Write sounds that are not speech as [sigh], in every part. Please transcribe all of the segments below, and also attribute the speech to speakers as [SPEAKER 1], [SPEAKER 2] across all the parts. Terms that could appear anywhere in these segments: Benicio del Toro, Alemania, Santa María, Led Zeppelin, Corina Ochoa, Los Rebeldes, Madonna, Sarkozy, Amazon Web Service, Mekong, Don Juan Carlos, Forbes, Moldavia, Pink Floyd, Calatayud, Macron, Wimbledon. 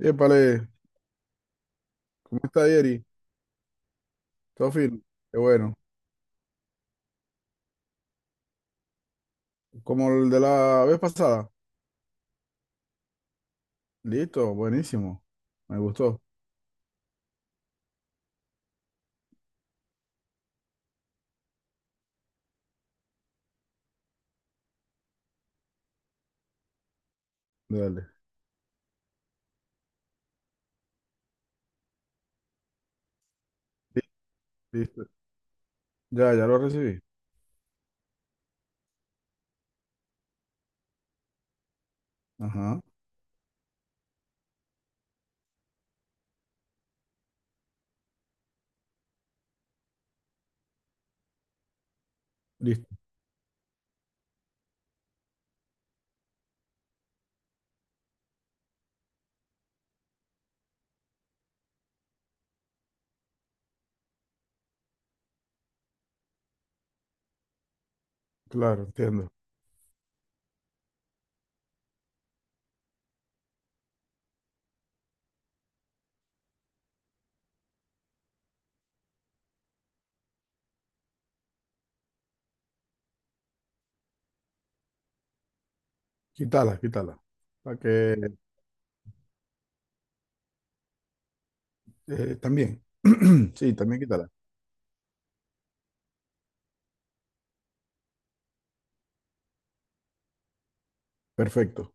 [SPEAKER 1] Épale, ¿cómo está Yeri? Todo fino. Qué bueno. Como el de la vez pasada. Listo, buenísimo. Me gustó. Dale. Li- Listo. Ya lo recibí. Ajá. Listo. Claro, entiendo. Quítala, quítala. Para que también. [clears throat] Sí, también quítala. Perfecto.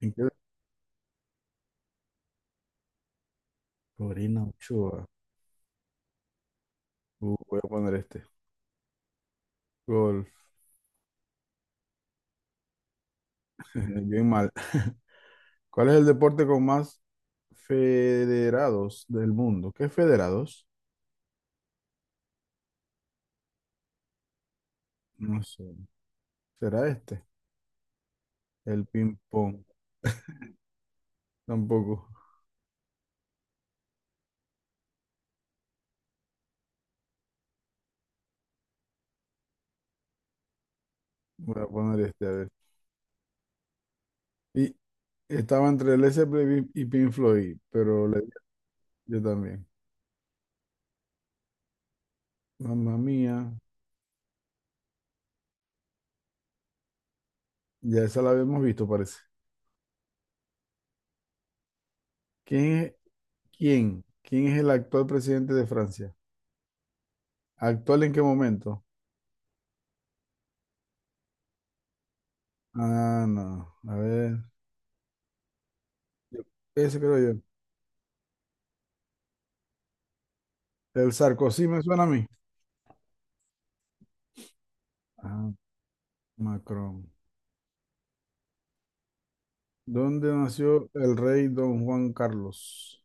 [SPEAKER 1] ¿En qué? Corina Ochoa. Voy a poner este. Gol. [laughs] Bien mal. [laughs] ¿Cuál es el deporte con más federados del mundo? ¿Qué federados? No sé. ¿Será este? El ping-pong. [laughs] Tampoco. Voy a poner este, a ver. Y estaba entre Led Zeppelin y Pink Floyd, yo también. Mamma mía. Ya esa la habíamos visto, parece. ¿Quién es, quién? ¿Quién es el actual presidente de Francia? ¿Actual en qué momento? Ah, no. A ver. Yo- Ese creo yo. El Sarkozy me suena a mí. Ah, Macron. ¿Dónde nació el rey Don Juan Carlos?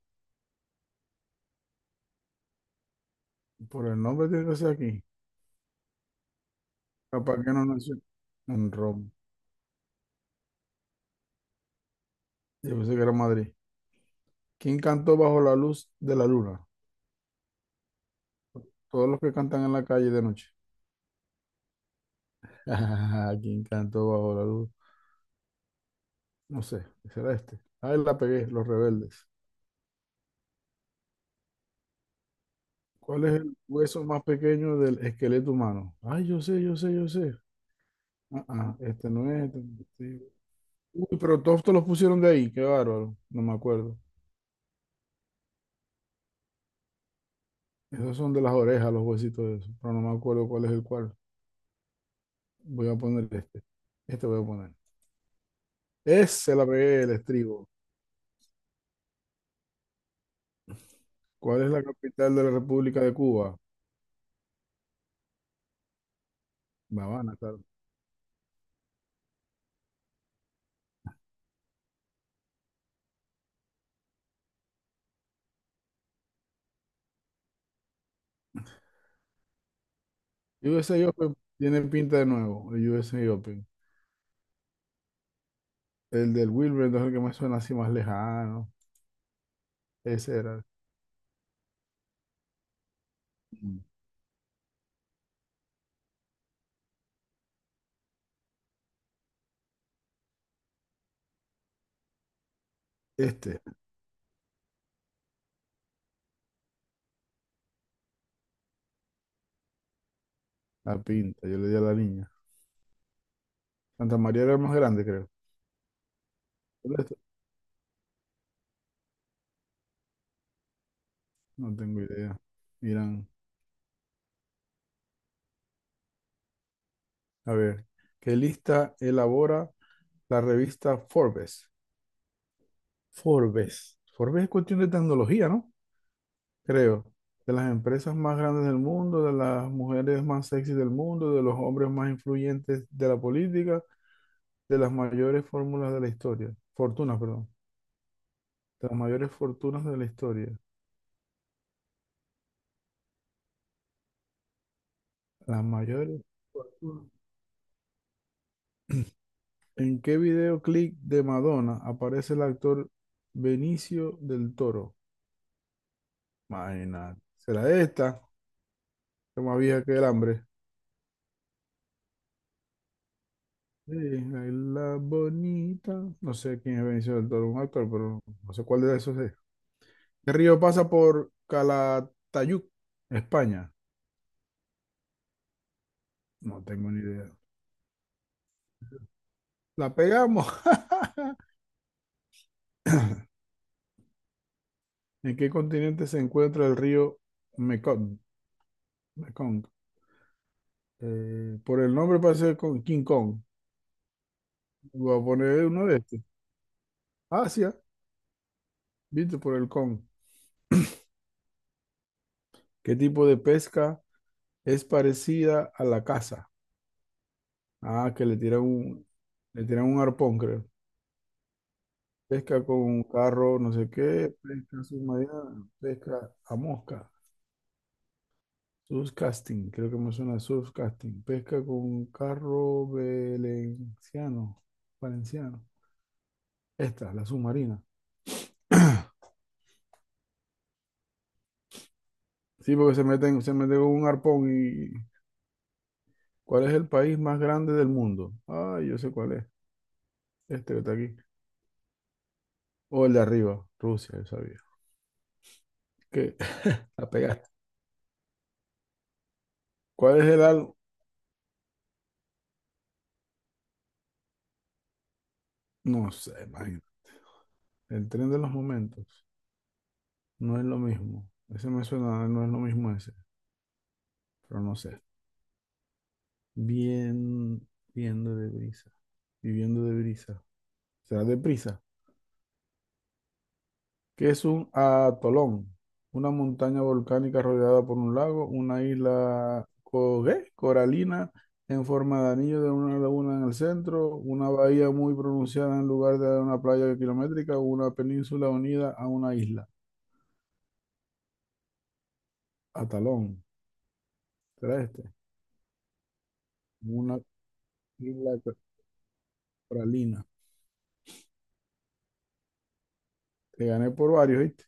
[SPEAKER 1] Por el nombre tiene que ser aquí. Capaz que no nació en Roma. Yo pensé que era Madrid. ¿Quién cantó bajo la luz de la luna? Todos los que cantan en la calle de noche. [laughs] ¿Quién cantó bajo la luz? No sé, ¿qué será este? Ahí la pegué, Los Rebeldes. ¿Cuál es el hueso más pequeño del esqueleto humano? Ay, yo sé, yo sé, yo sé. Ah, ah, este no es. Este no es. Este. Uy, pero todos te los pusieron de ahí, qué bárbaro. No me acuerdo. Esos son de las orejas, los huesitos de eso, pero no me acuerdo cuál es el cual. Voy a poner este. Este voy a poner. Ese la pegué, el estribo. ¿Cuál es la capital de la República de Cuba? La Habana, claro. USA Open tiene pinta de nuevo, el USA Open. El del Wimbledon entonces el que me suena así más lejano. Ese era. Mm. Este, la pinta, yo le di a la niña. Santa María era el más grande, creo. ¿Cuál es? ¿Este? No tengo idea. Miran, a ver, ¿qué lista elabora la revista Forbes? Forbes. Forbes es cuestión de tecnología, ¿no? Creo, de las empresas más grandes del mundo, de las mujeres más sexy del mundo, de los hombres más influyentes de la política, de las mayores fórmulas de la historia, fortunas, perdón, de las mayores fortunas de la historia, las mayores fortunas. ¿En qué videoclip de Madonna aparece el actor Benicio del Toro? Imagínate, será esta, que más vieja que el hambre. Sí, ahí la bonita. No sé quién es Benicio del Toro, un actor, pero no sé cuál de esos es. ¿Qué río pasa por Calatayud, España? No tengo ni idea. La pegamos. [laughs] [clears throat] ¿En qué continente se encuentra el río Mekong? Mekong. Por el nombre parece con King Kong. Voy a poner uno de estos. Asia, viste por el Kong. ¿Qué tipo de pesca es parecida a la caza? Ah, que le tiran un arpón, creo. Pesca con un carro, no sé qué, pesca submarina, pesca a mosca. Surfcasting, creo que me suena surfcasting. Pesca con carro valenciano. Valenciano. Esta, la submarina. [clears throat] Sí, porque se meten con un arpón y... ¿Cuál es el país más grande del mundo? Ah, yo sé cuál es. Este que está aquí. O el de arriba, Rusia, yo sabía. ¿Qué? [laughs] La pegaste. ¿Cuál es el álbum? No sé, imagino. El tren de los momentos. No es lo mismo. Ese me suena, no es lo mismo ese. Pero no sé. Bien, viendo de brisa. Viviendo de brisa. Será de prisa. ¿Qué es un atolón? Una montaña volcánica rodeada por un lago, una ¿qué? Coralina en forma de anillo de una laguna en el centro, una bahía muy pronunciada en lugar de una playa kilométrica, una península unida a una isla. Atalón. ¿Será este? Una isla co- coralina. Te gané por varios, ¿viste?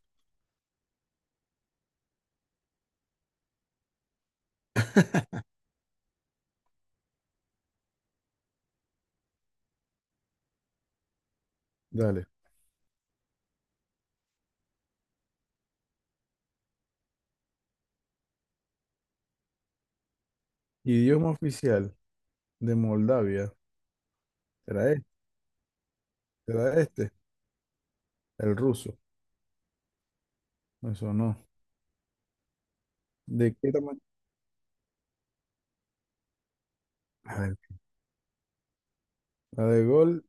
[SPEAKER 1] Dale. Idioma oficial de Moldavia. ¿Será este? ¿Será este? El ruso. Eso no. ¿De qué tamaño? A ver, la de gol,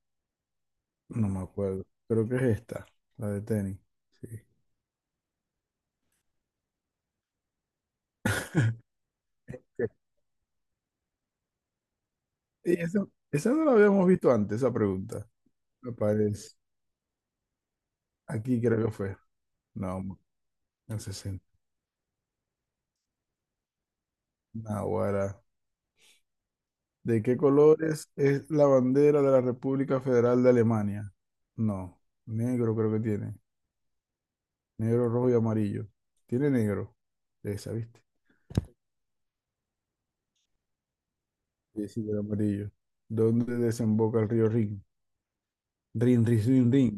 [SPEAKER 1] no me acuerdo. Creo que es esta, la de tenis. Sí. Sí. Y esa no la habíamos visto antes, esa pregunta. Me parece. Aquí creo que fue. No, en sesenta. Naguará. ¿De qué colores es la bandera de la República Federal de Alemania? No, negro creo que tiene. Negro, rojo y amarillo. Tiene negro. Esa, ¿viste? Sí, sí, el amarillo. ¿Dónde desemboca el río Rin? Rin, rin, rin, rin.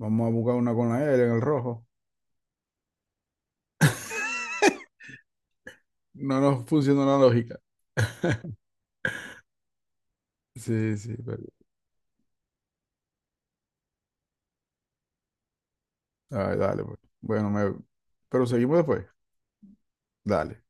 [SPEAKER 1] Vamos a buscar una con la L en el rojo. No nos funciona la lógica. Sí, sí, pero... Ay, dale, pues. Bueno, me... pero seguimos después. Dale.